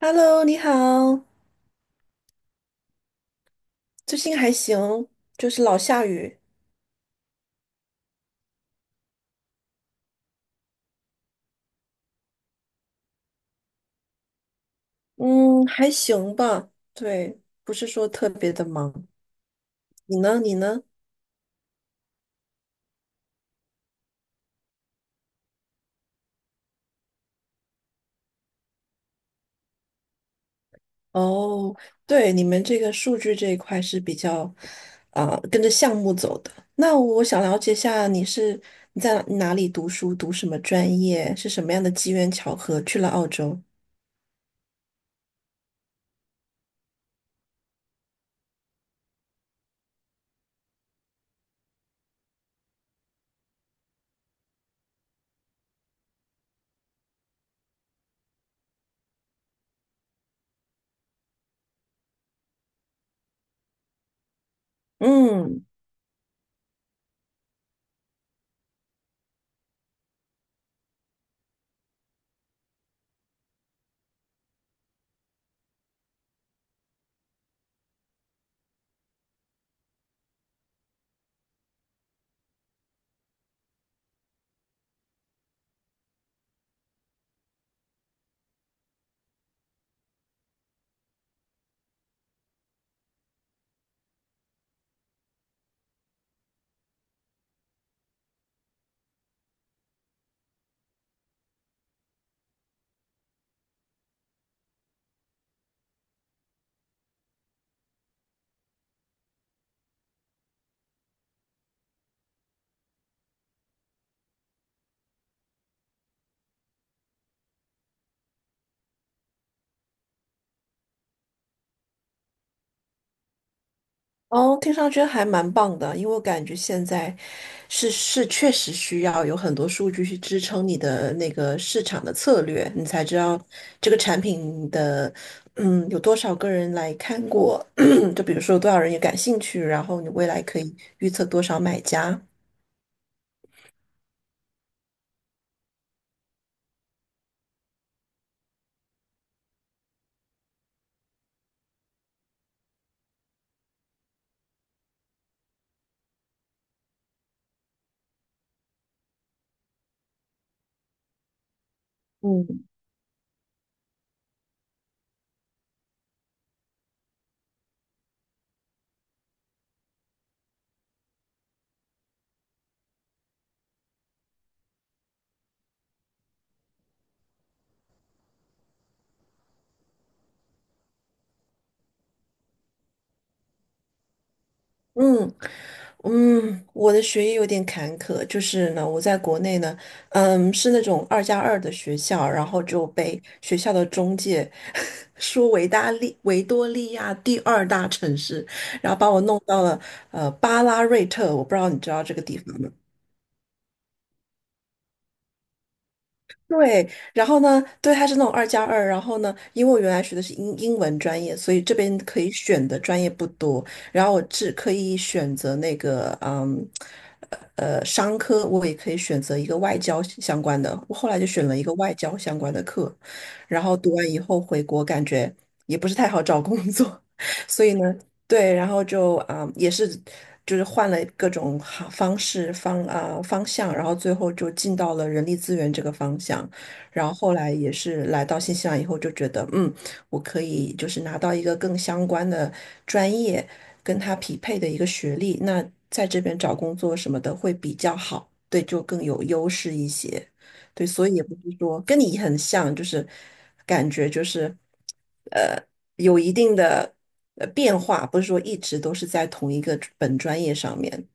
Hello，你好，最近还行，就是老下雨，嗯，还行吧，对，不是说特别的忙。你呢？你呢？哦，对，你们这个数据这一块是比较，跟着项目走的。那我想了解一下，你在哪里读书，读什么专业，是什么样的机缘巧合去了澳洲？嗯。哦，听上去还蛮棒的，因为我感觉现在是确实需要有很多数据去支撑你的那个市场的策略，你才知道这个产品的有多少个人来看过，就比如说多少人也感兴趣，然后你未来可以预测多少买家。嗯嗯。嗯，我的学业有点坎坷，就是呢，我在国内呢，嗯，是那种二加二的学校，然后就被学校的中介 说维多利亚第二大城市，然后把我弄到了巴拉瑞特，我不知道你知道这个地方吗？对，然后呢，对，它是那种二加二，然后呢，因为我原来学的是英文专业，所以这边可以选的专业不多，然后我只可以选择那个，商科，我也可以选择一个外交相关的，我后来就选了一个外交相关的课，然后读完以后回国，感觉也不是太好找工作，所以呢，对，然后就也是就是换了各种好方式方啊、呃方向，然后最后就进到了人力资源这个方向。然后后来也是来到新西兰以后，就觉得嗯，我可以就是拿到一个更相关的专业，跟他匹配的一个学历，那在这边找工作什么的会比较好，对，就更有优势一些。对，所以也不是说跟你很像，就是感觉就是呃有一定的变化，不是说一直都是在同一个本专业上面。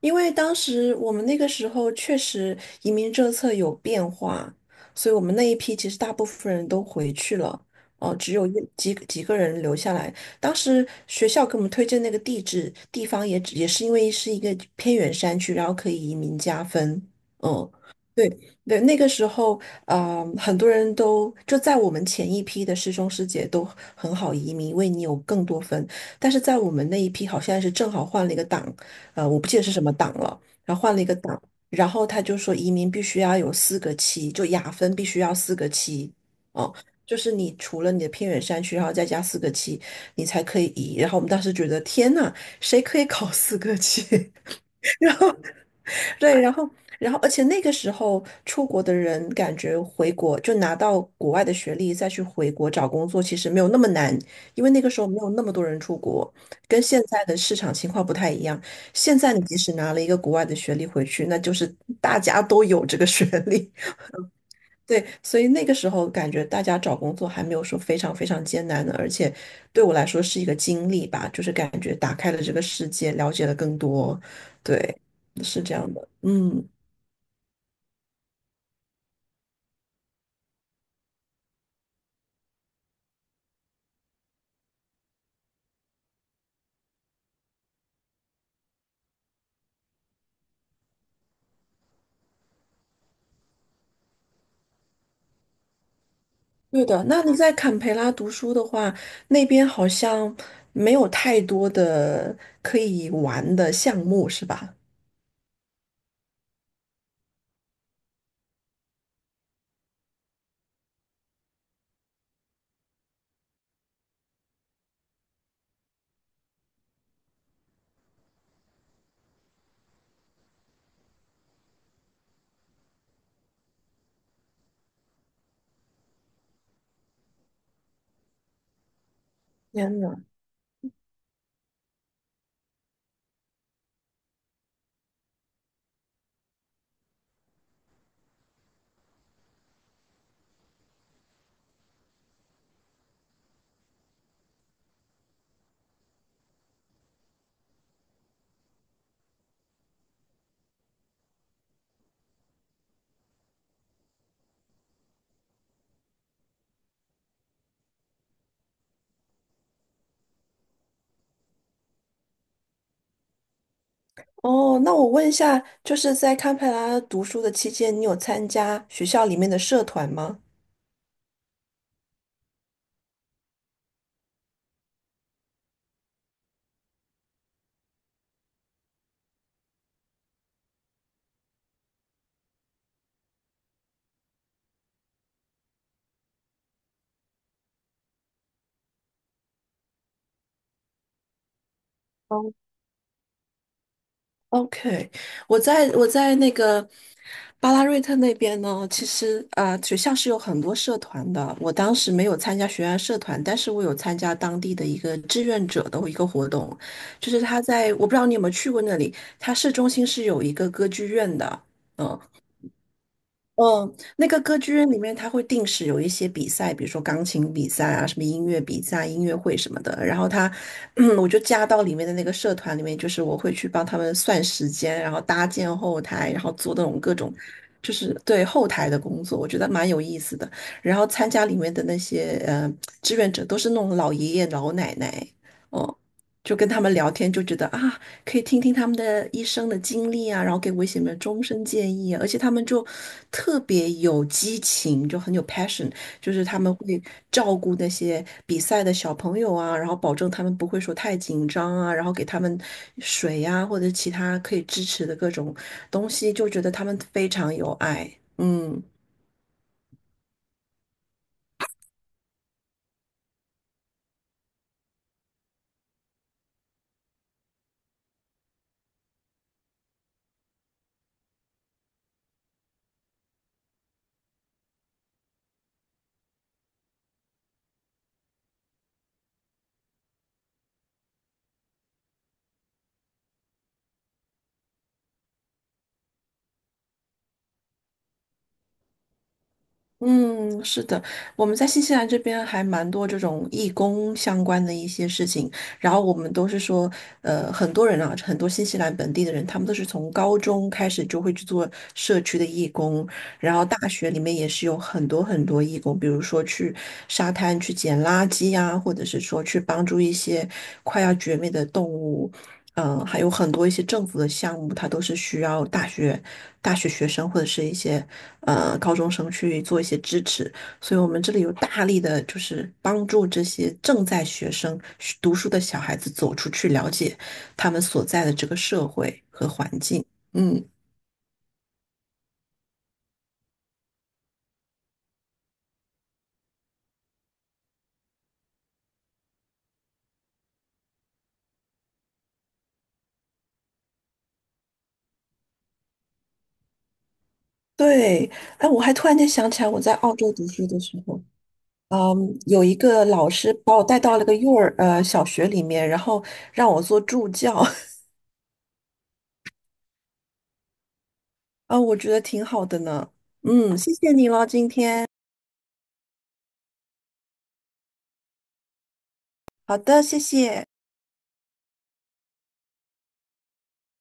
因为当时我们那个时候确实移民政策有变化，所以我们那一批其实大部分人都回去了，哦、只有几个人留下来。当时学校给我们推荐那个地方也只也是因为是一个偏远山区，然后可以移民加分。嗯，对对，那个时候很多人都就在我们前一批的师兄师姐都很好移民，因为你有更多分，但是在我们那一批好像是正好换了一个档。呃，我不记得是什么党了，然后换了一个党，然后他就说移民必须要有四个七，就雅分必须要四个七，哦，就是你除了你的偏远山区，然后再加四个七，你才可以移。然后我们当时觉得天呐，谁可以考四个七？然后。对，然后，然后，而且那个时候出国的人，感觉回国就拿到国外的学历，再去回国找工作，其实没有那么难，因为那个时候没有那么多人出国，跟现在的市场情况不太一样。现在你即使拿了一个国外的学历回去，那就是大家都有这个学历，对，所以那个时候感觉大家找工作还没有说非常非常艰难的，而且对我来说是一个经历吧，就是感觉打开了这个世界，了解了更多，对，是这样的，嗯。对的，那你在坎培拉读书的话，那边好像没有太多的可以玩的项目，是吧？天呐！哦，那我问一下，就是在堪培拉读书的期间，你有参加学校里面的社团吗？OK，我在那个巴拉瑞特那边呢，其实学校是有很多社团的。我当时没有参加学院社团，但是我有参加当地的一个志愿者的一个活动，就是他在我不知道你有没有去过那里，他市中心是有一个歌剧院的，嗯，嗯，那个歌剧院里面，它会定时有一些比赛，比如说钢琴比赛啊，什么音乐比赛、音乐会什么的。然后它，我就加到里面的那个社团里面，就是我会去帮他们算时间，然后搭建后台，然后做那种各种，就是对后台的工作，我觉得蛮有意思的。然后参加里面的那些志愿者，都是那种老爷爷老奶奶，哦，就跟他们聊天，就觉得啊，可以听听他们的一生的经历啊，然后给我一些什么终身建议啊，而且他们就特别有激情，就很有 passion，就是他们会照顾那些比赛的小朋友啊，然后保证他们不会说太紧张啊，然后给他们水呀、或者其他可以支持的各种东西，就觉得他们非常有爱，嗯。嗯，是的，我们在新西兰这边还蛮多这种义工相关的一些事情，然后我们都是说，很多人啊，很多新西兰本地的人，他们都是从高中开始就会去做社区的义工，然后大学里面也是有很多很多义工，比如说去沙滩去捡垃圾呀，或者是说去帮助一些快要绝灭的动物，还有很多一些政府的项目，它都是需要大学学生或者是一些高中生去做一些支持。所以我们这里有大力的，就是帮助这些正在学生读书的小孩子走出去，了解他们所在的这个社会和环境。嗯，对，哎，我还突然间想起来，我在澳洲读书的时候，嗯，有一个老师把我带到了个小学里面，然后让我做助教，啊，我觉得挺好的呢。嗯，谢谢你咯，今天。好的，谢谢。